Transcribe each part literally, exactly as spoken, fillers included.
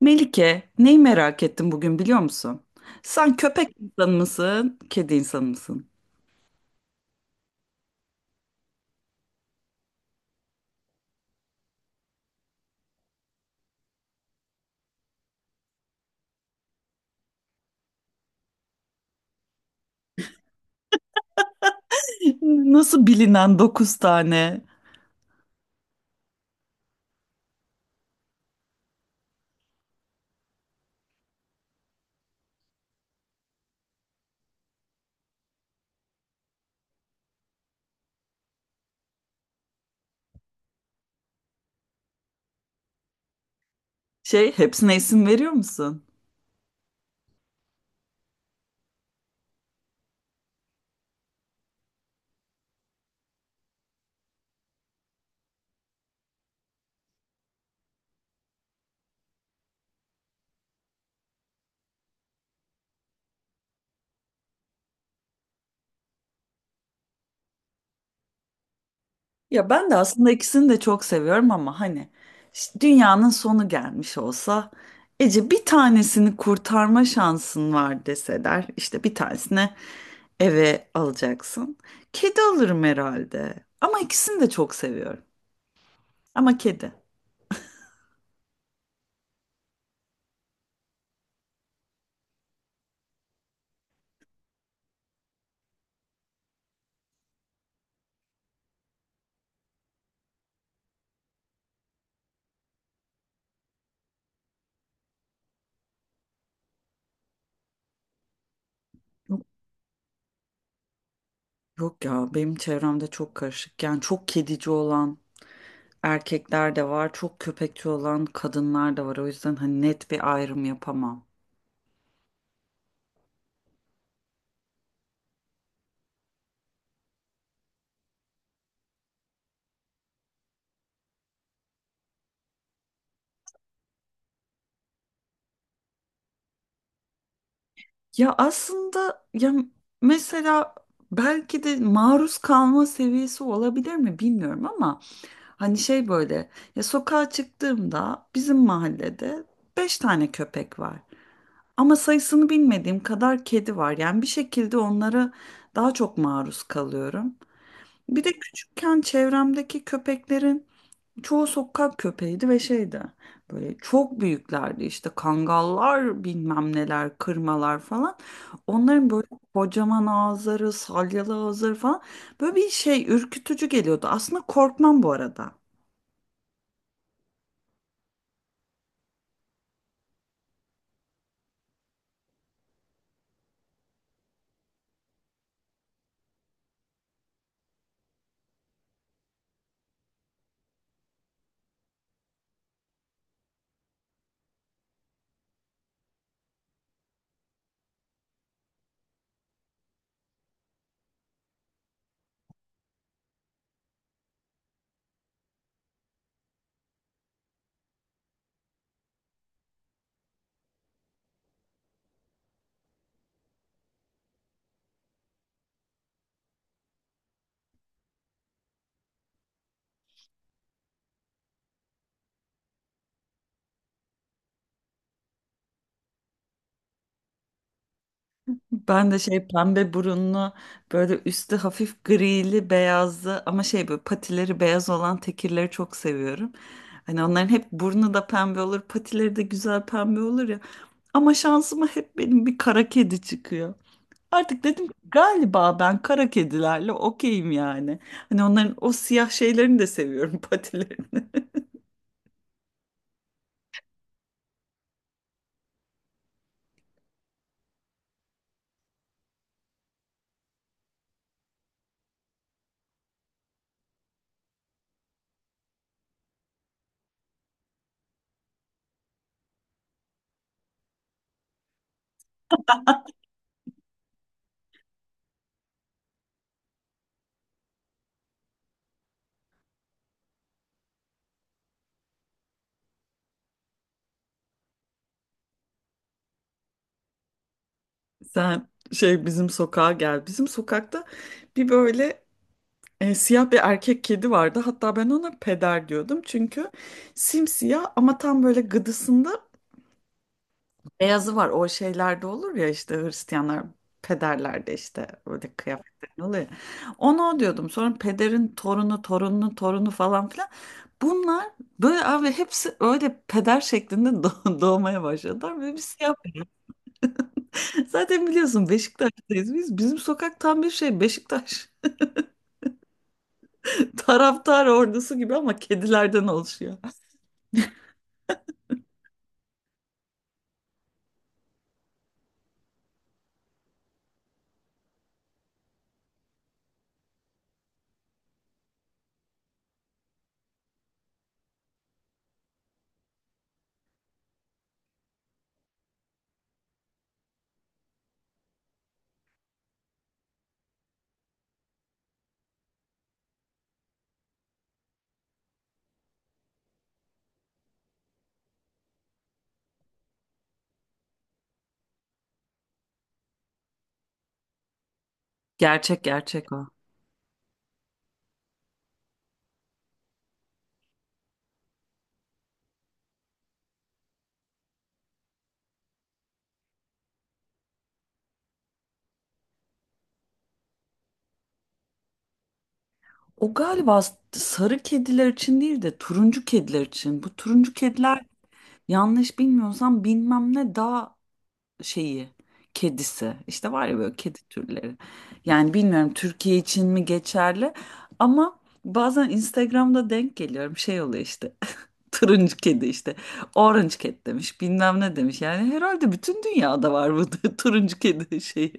Melike, neyi merak ettim bugün biliyor musun? Sen köpek insanı mısın, kedi insanı mısın? Nasıl bilinen dokuz tane şey, hepsine isim veriyor musun? Ya ben de aslında ikisini de çok seviyorum ama hani ş- dünyanın sonu gelmiş olsa Ece bir tanesini kurtarma şansın var deseler işte bir tanesine eve alacaksın. Kedi alırım herhalde ama ikisini de çok seviyorum ama kedi. Yok ya benim çevremde çok karışık. Yani çok kedici olan erkekler de var, çok köpekçi olan kadınlar da var. O yüzden hani net bir ayrım yapamam. Ya aslında ya mesela belki de maruz kalma seviyesi olabilir mi bilmiyorum ama hani şey böyle ya sokağa çıktığımda bizim mahallede beş tane köpek var. Ama sayısını bilmediğim kadar kedi var. Yani bir şekilde onlara daha çok maruz kalıyorum. Bir de küçükken çevremdeki köpeklerin çoğu sokak köpeğiydi ve şeydi. Böyle çok büyüklerdi işte kangallar bilmem neler kırmalar falan. Onların böyle kocaman ağızları salyalı ağızları falan böyle bir şey ürkütücü geliyordu. Aslında korkmam bu arada. Ben de şey pembe burunlu böyle üstü hafif grili beyazlı ama şey böyle patileri beyaz olan tekirleri çok seviyorum. Hani onların hep burnu da pembe olur patileri de güzel pembe olur ya. Ama şansıma hep benim bir kara kedi çıkıyor. Artık dedim ki, galiba ben kara kedilerle okeyim yani. Hani onların o siyah şeylerini de seviyorum patilerini. Sen şey bizim sokağa gel. Bizim sokakta bir böyle E, siyah bir erkek kedi vardı. Hatta ben ona peder diyordum. Çünkü simsiyah ama tam böyle gıdısında beyazı var. O şeylerde olur ya işte Hristiyanlar pederlerde işte böyle kıyafetler oluyor, ya. Ona o diyordum. Sonra pederin torunu, torununun torunu falan filan. Bunlar böyle abi hepsi öyle peder şeklinde doğ- doğmaya başladılar. Böyle bir siyah. Zaten biliyorsun Beşiktaş'tayız biz. Bizim sokak tam bir şey Beşiktaş taraftar ordusu gibi ama kedilerden oluşuyor. Gerçek gerçek o. O galiba s- sarı kediler için değil de turuncu kediler için. Bu turuncu kediler yanlış bilmiyorsam bilmem ne dağ şeyi kedisi. İşte var ya böyle kedi türleri. Yani bilmiyorum Türkiye için mi geçerli ama bazen Instagram'da denk geliyorum şey oluyor işte. Turuncu kedi işte. Orange cat demiş bilmem ne demiş. Yani herhalde bütün dünyada var bu turuncu kedi şeyi.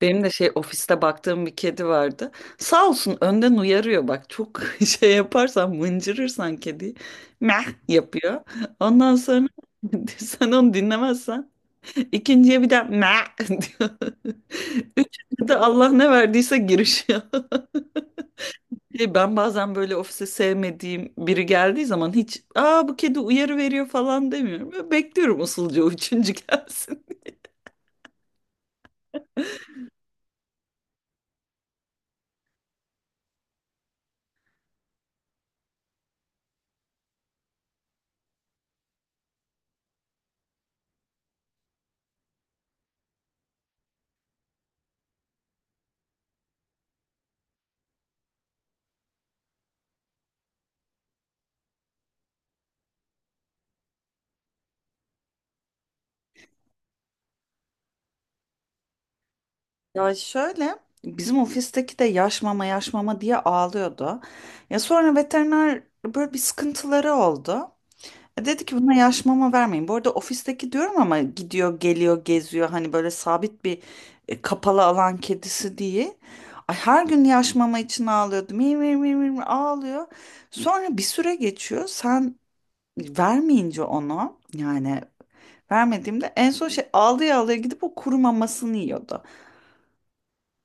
Benim de şey ofiste baktığım bir kedi vardı. Sağ olsun önden uyarıyor, bak çok şey yaparsan mıncırırsan kedi meh yapıyor. Ondan sonra sen onu dinlemezsen ikinciye bir de meh diyor. Üçüncü de Allah ne verdiyse girişiyor. Şey, ben bazen böyle ofise sevmediğim biri geldiği zaman hiç aa bu kedi uyarı veriyor falan demiyorum. Böyle bekliyorum usulca o üçüncü gelsin. Ya şöyle, bizim ofisteki de yaş mama yaş mama diye ağlıyordu. Ya sonra veteriner, böyle bir sıkıntıları oldu. E dedi ki buna yaş mama vermeyin. Bu arada ofisteki diyorum ama gidiyor geliyor geziyor, hani böyle sabit bir e, kapalı alan kedisi değil. Ay her gün yaş mama için ağlıyordu. Mi mi mi mi mi ağlıyor. Sonra bir süre geçiyor. Sen vermeyince onu yani vermediğimde en son şey ağlaya ağlaya gidip o kuru mamasını yiyordu.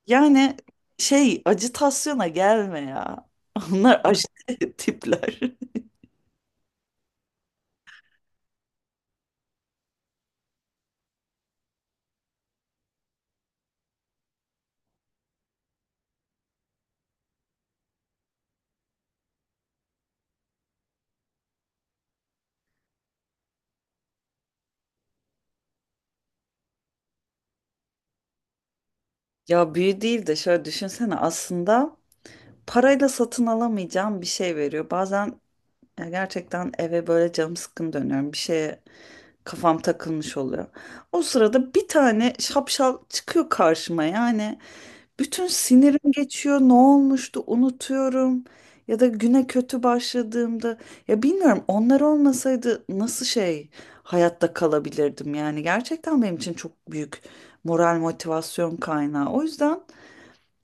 Yani şey acıtasyona gelme ya. Onlar aşırı tipler. Ya büyü değil de şöyle düşünsene, aslında parayla satın alamayacağım bir şey veriyor. Bazen ya gerçekten eve böyle canım sıkkın dönüyorum. Bir şeye kafam takılmış oluyor. O sırada bir tane şapşal çıkıyor karşıma yani. Bütün sinirim geçiyor. Ne olmuştu unutuyorum. Ya da güne kötü başladığımda ya bilmiyorum onlar olmasaydı nasıl şey hayatta kalabilirdim, yani gerçekten benim için çok büyük moral motivasyon kaynağı. O yüzden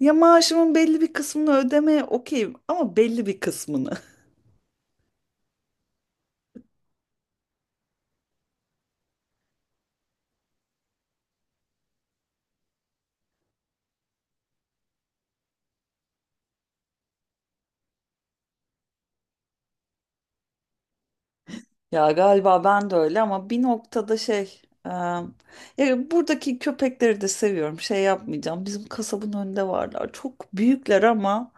ya maaşımın belli bir kısmını ödemeye okeyim ama belli bir kısmını. Ya galiba ben de öyle ama bir noktada şey e, ya buradaki köpekleri de seviyorum, şey yapmayacağım, bizim kasabın önünde varlar çok büyükler ama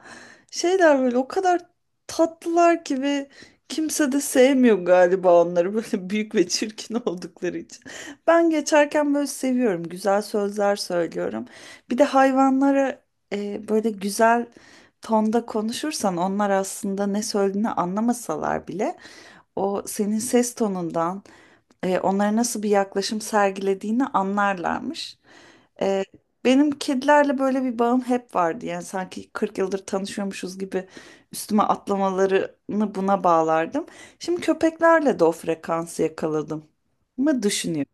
şeyler böyle o kadar tatlılar ki ve kimse de sevmiyor galiba onları böyle büyük ve çirkin oldukları için. Ben geçerken böyle seviyorum. Güzel sözler söylüyorum. Bir de hayvanlara e, böyle güzel tonda konuşursan onlar aslında ne söylediğini anlamasalar bile o senin ses tonundan e, onlara nasıl bir yaklaşım sergilediğini anlarlarmış. E, benim kedilerle böyle bir bağım hep vardı. Yani sanki kırk yıldır tanışıyormuşuz gibi üstüme atlamalarını buna bağlardım. Şimdi köpeklerle de o frekansı yakaladım mı düşünüyorum.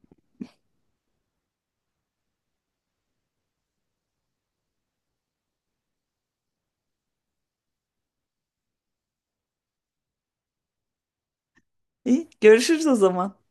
İyi, görüşürüz o zaman.